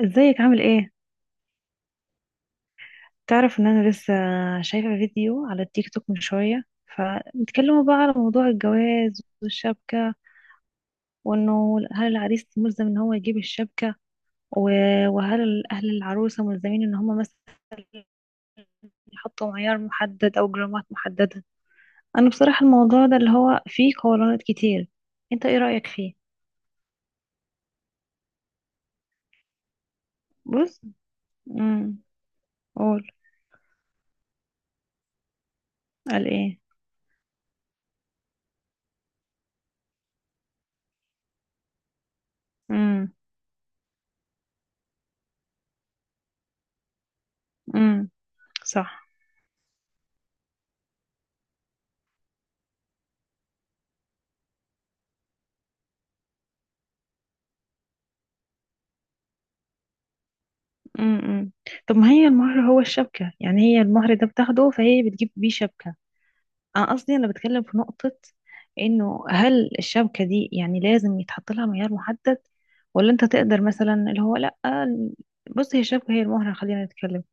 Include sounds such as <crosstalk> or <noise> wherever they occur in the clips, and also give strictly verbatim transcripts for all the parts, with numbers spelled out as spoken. ازيك؟ عامل ايه؟ تعرف ان انا لسه شايفة فيديو على التيك توك من شوية، فبيتكلموا بقى على موضوع الجواز والشبكة، وانه هل العريس ملزم ان هو يجيب الشبكة و- وهل اهل العروسة ملزمين ان هم مثلا يحطوا معيار محدد او جرامات محددة. انا بصراحة الموضوع ده اللي هو فيه قولانات كتير. انت ايه رأيك فيه؟ بص. امم. قول. قال ايه؟ امم، امم، صح. امم، امم. طب ما هي المهر هو الشبكة، يعني هي المهر ده بتاخده فهي بتجيب بيه شبكة. أنا قصدي، أنا بتكلم في نقطة، إنه هل الشبكة دي يعني لازم يتحط لها معيار محدد، ولا أنت تقدر مثلا اللي هو لأ. بص، هي الشبكة هي المهر، خلينا نتكلم.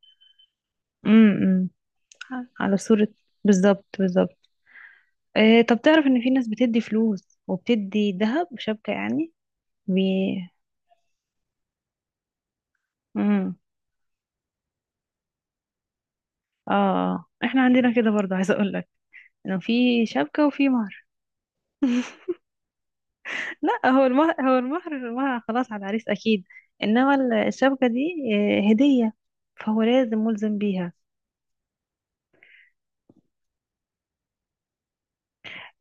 امم. على صورة. بالظبط، بالظبط. إيه؟ طب تعرف إن في ناس بتدي فلوس وبتدي ذهب شبكة يعني. بي... امم، اه، آه. احنا عندنا كده برضه، عايزة أقول لك إنه في شبكة وفي مهر. لا، هو المهر هو المهر، ما خلاص على العريس اكيد، انما ال- الشبكه دي آه، هديه، فهو لازم ملزم بيها.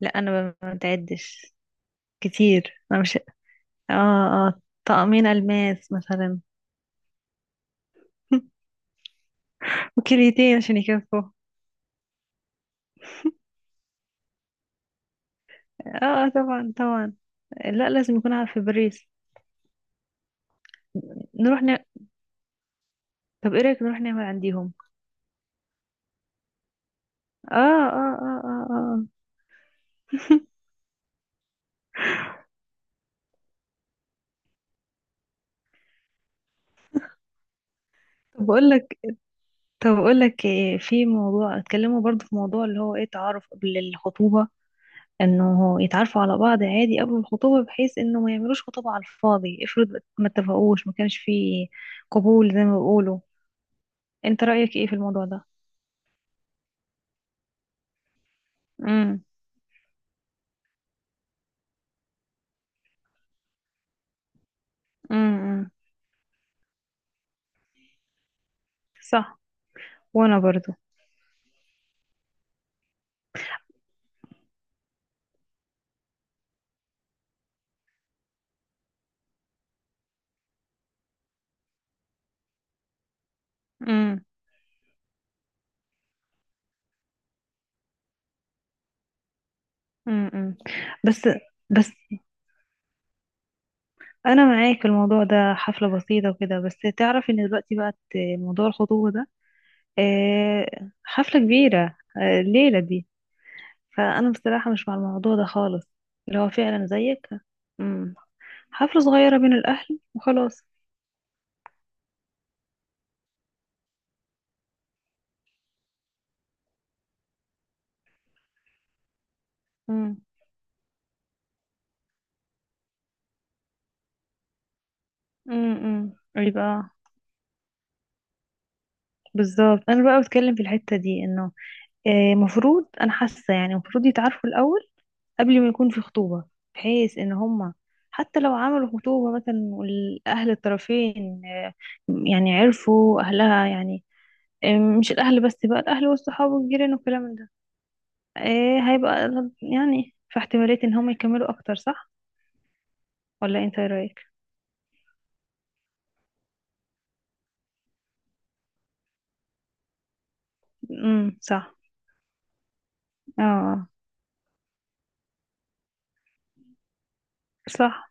لا، انا ما بتعدش كتير، انا مش... اه، اه، طقمين الماس مثلا. <laughs> وكليتين عشان يكفوا. اه، آه، طبعا طبعا. لا، لازم يكون عارف في باريس. نروح ن... طب ايه رايك نروح نعمل عنديهم؟ اه، اه، اه، اه، آه. <laughs> طب اقول لك طب اقول لك آه، في موضوع اتكلموا برضو، في موضوع اللي هو ايه، تعارف قبل الخطوبه، انه يتعرفوا على بعض عادي قبل الخطوبة، بحيث انه ما يعملوش خطوبة على الفاضي. افرض ما اتفقوش، ما كانش فيه قبول زي ما بيقولوا. انت رأيك ايه في الموضوع ده؟ امم، امم، صح. وانا برضو. امم، امم. بس، بس، انا معاك في الموضوع ده. حفله بسيطه وكده بس. تعرف ان دلوقتي بقت موضوع الخطوبه ده آه، حفله كبيره، آه، الليله دي. فانا بصراحه مش مع الموضوع ده خالص، اللي هو فعلا زيك. امم. حفلة صغيرة بين الأهل وخلاص. امم، امم، يبقى... بالظبط. أنا بقى بتكلم في الحتة دي إنه آه، مفروض، أنا حاسة يعني مفروض يتعارفوا الأول قبل ما يكون في خطوبة، بحيث إن هما حتى لو عملوا خطوبة مثلا والأهل الطرفين آه، يعني عرفوا أهلها، يعني آه، مش الأهل بس بقى، الأهل والصحاب والجيران والكلام من ده. آه، هيبقى يعني في احتمالية إن هما يكملوا أكتر، صح؟ ولا أنت إيه رأيك؟ امم، صح. اه، آه، صح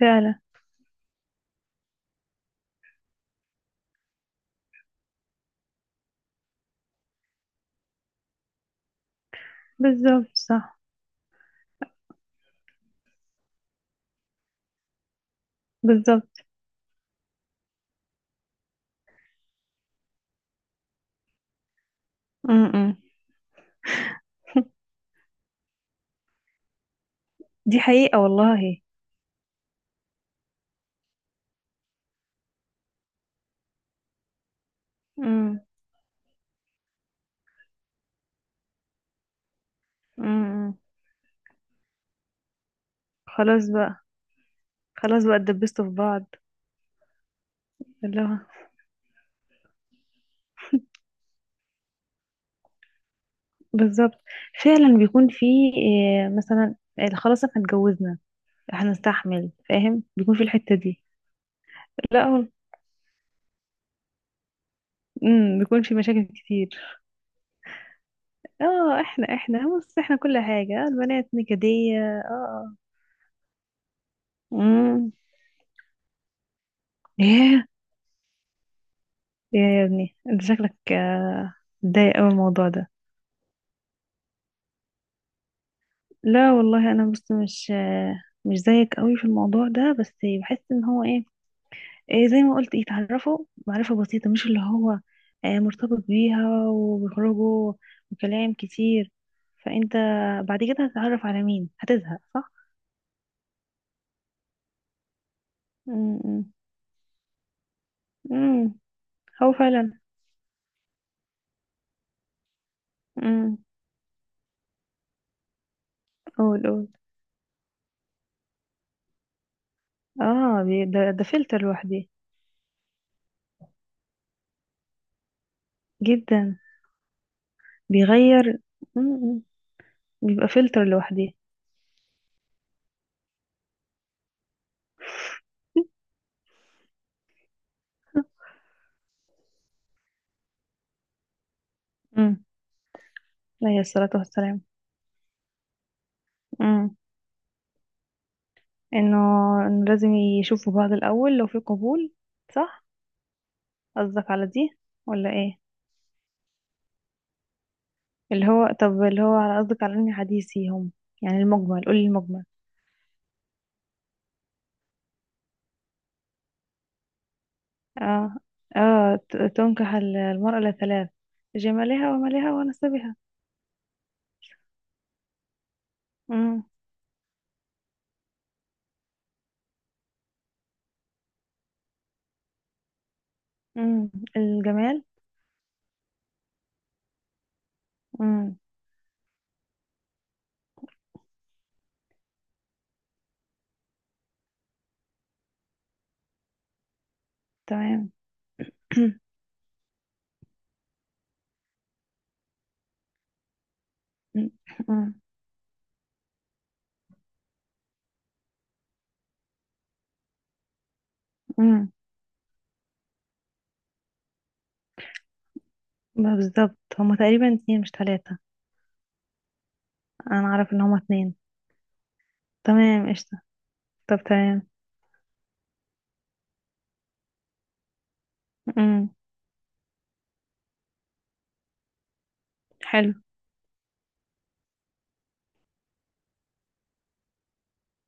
فعلا. بالظبط، صح. بالظبط. م- م. دي حقيقة والله. م- م- م. خلاص بقى، خلاص بقى اتدبستوا في بعض. اللي هو بالظبط، فعلا بيكون في آه، مثلا آه، خلاص احنا اتجوزنا، هنستحمل، فاهم؟ بيكون في الحتة دي. لا هو... امم، بيكون في مشاكل كتير. اه، احنا احنا بص احنا كل حاجة، آه، البنات نكدية، اه. امم. ياه. يا يا ابني، انت شكلك آه، متضايق اوي من الموضوع ده. لا والله، انا بس مش مش زيك قوي في الموضوع ده، بس بحس ان هو ايه، إيه زي ما قلت، يتعرفوا معرفة بسيطة، مش اللي هو آه، مرتبط بيها وبيخرجوا وكلام كتير. فانت بعد كده هتتعرف على مين؟ هتزهق، صح. امم، امم، هو فعلا. امم. قول، قول. اه، بي- ده ده فلتر لوحدي. جدا. بيغير. امم. بيبقى فلتر لوحدي. امم. عليه الصلاة والسلام. انه إنه لازم يشوفوا بعض الاول لو في قبول. صح. قصدك على دي ولا ايه؟ اللي هو طب اللي هو على قصدك على اني حديثي، هم يعني المجمل، قولي المجمل. اه، اه، ت- تنكح ال- المرأة لثلاث: جمالها ومالها ونسبها. امم، امم، الجمال. امم. تمام. <coughs> <clears throat> امم. امم. بالظبط. هما تقريبا اتنين مش تلاتة. انا اعرف ان هما اتنين. تمام، قشطة. طب تمام. امم. حلو.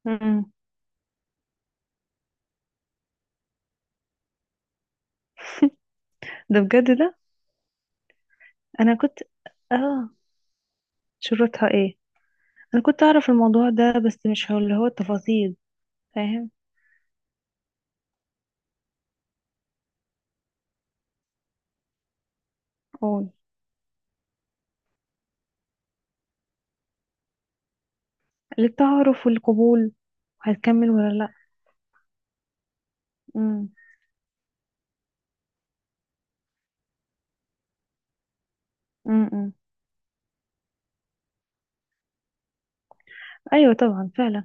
امم. ده بجد ده. انا كنت... اه شروطها ايه؟ انا كنت اعرف الموضوع ده بس مش هو اللي هو التفاصيل، فاهم؟ قول. للتعارف والقبول. هتكمل ولا لا؟ امم، امم. ايوه، طبعا فعلا.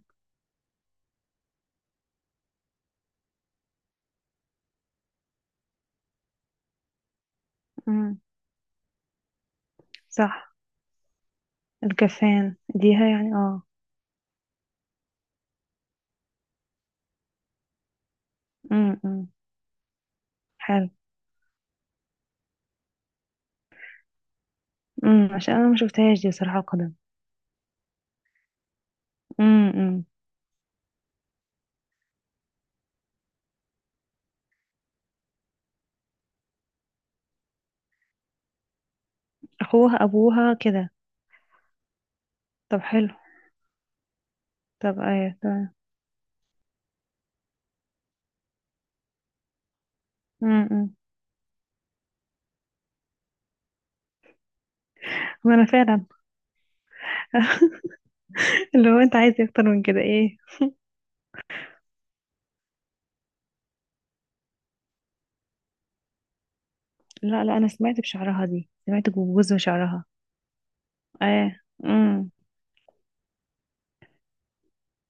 امم، صح. الكفان ديها يعني، اه. امم، حلو. امم، عشان انا ما شفتهاش دي بصراحه، قدم. امم. اخوها، ابوها، كده. طب حلو. طب ايوه، تمام. امم. انا فعلا. <laughs> اللي هو انت عايز إيه اكتر من كده، ايه؟ لا، لا، انا سمعت بشعرها دي، سمعت بجوز وشعرها. اه، امم.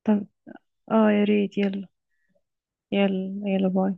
طب اه، يا ريت، يلا. يلا يلا، باي.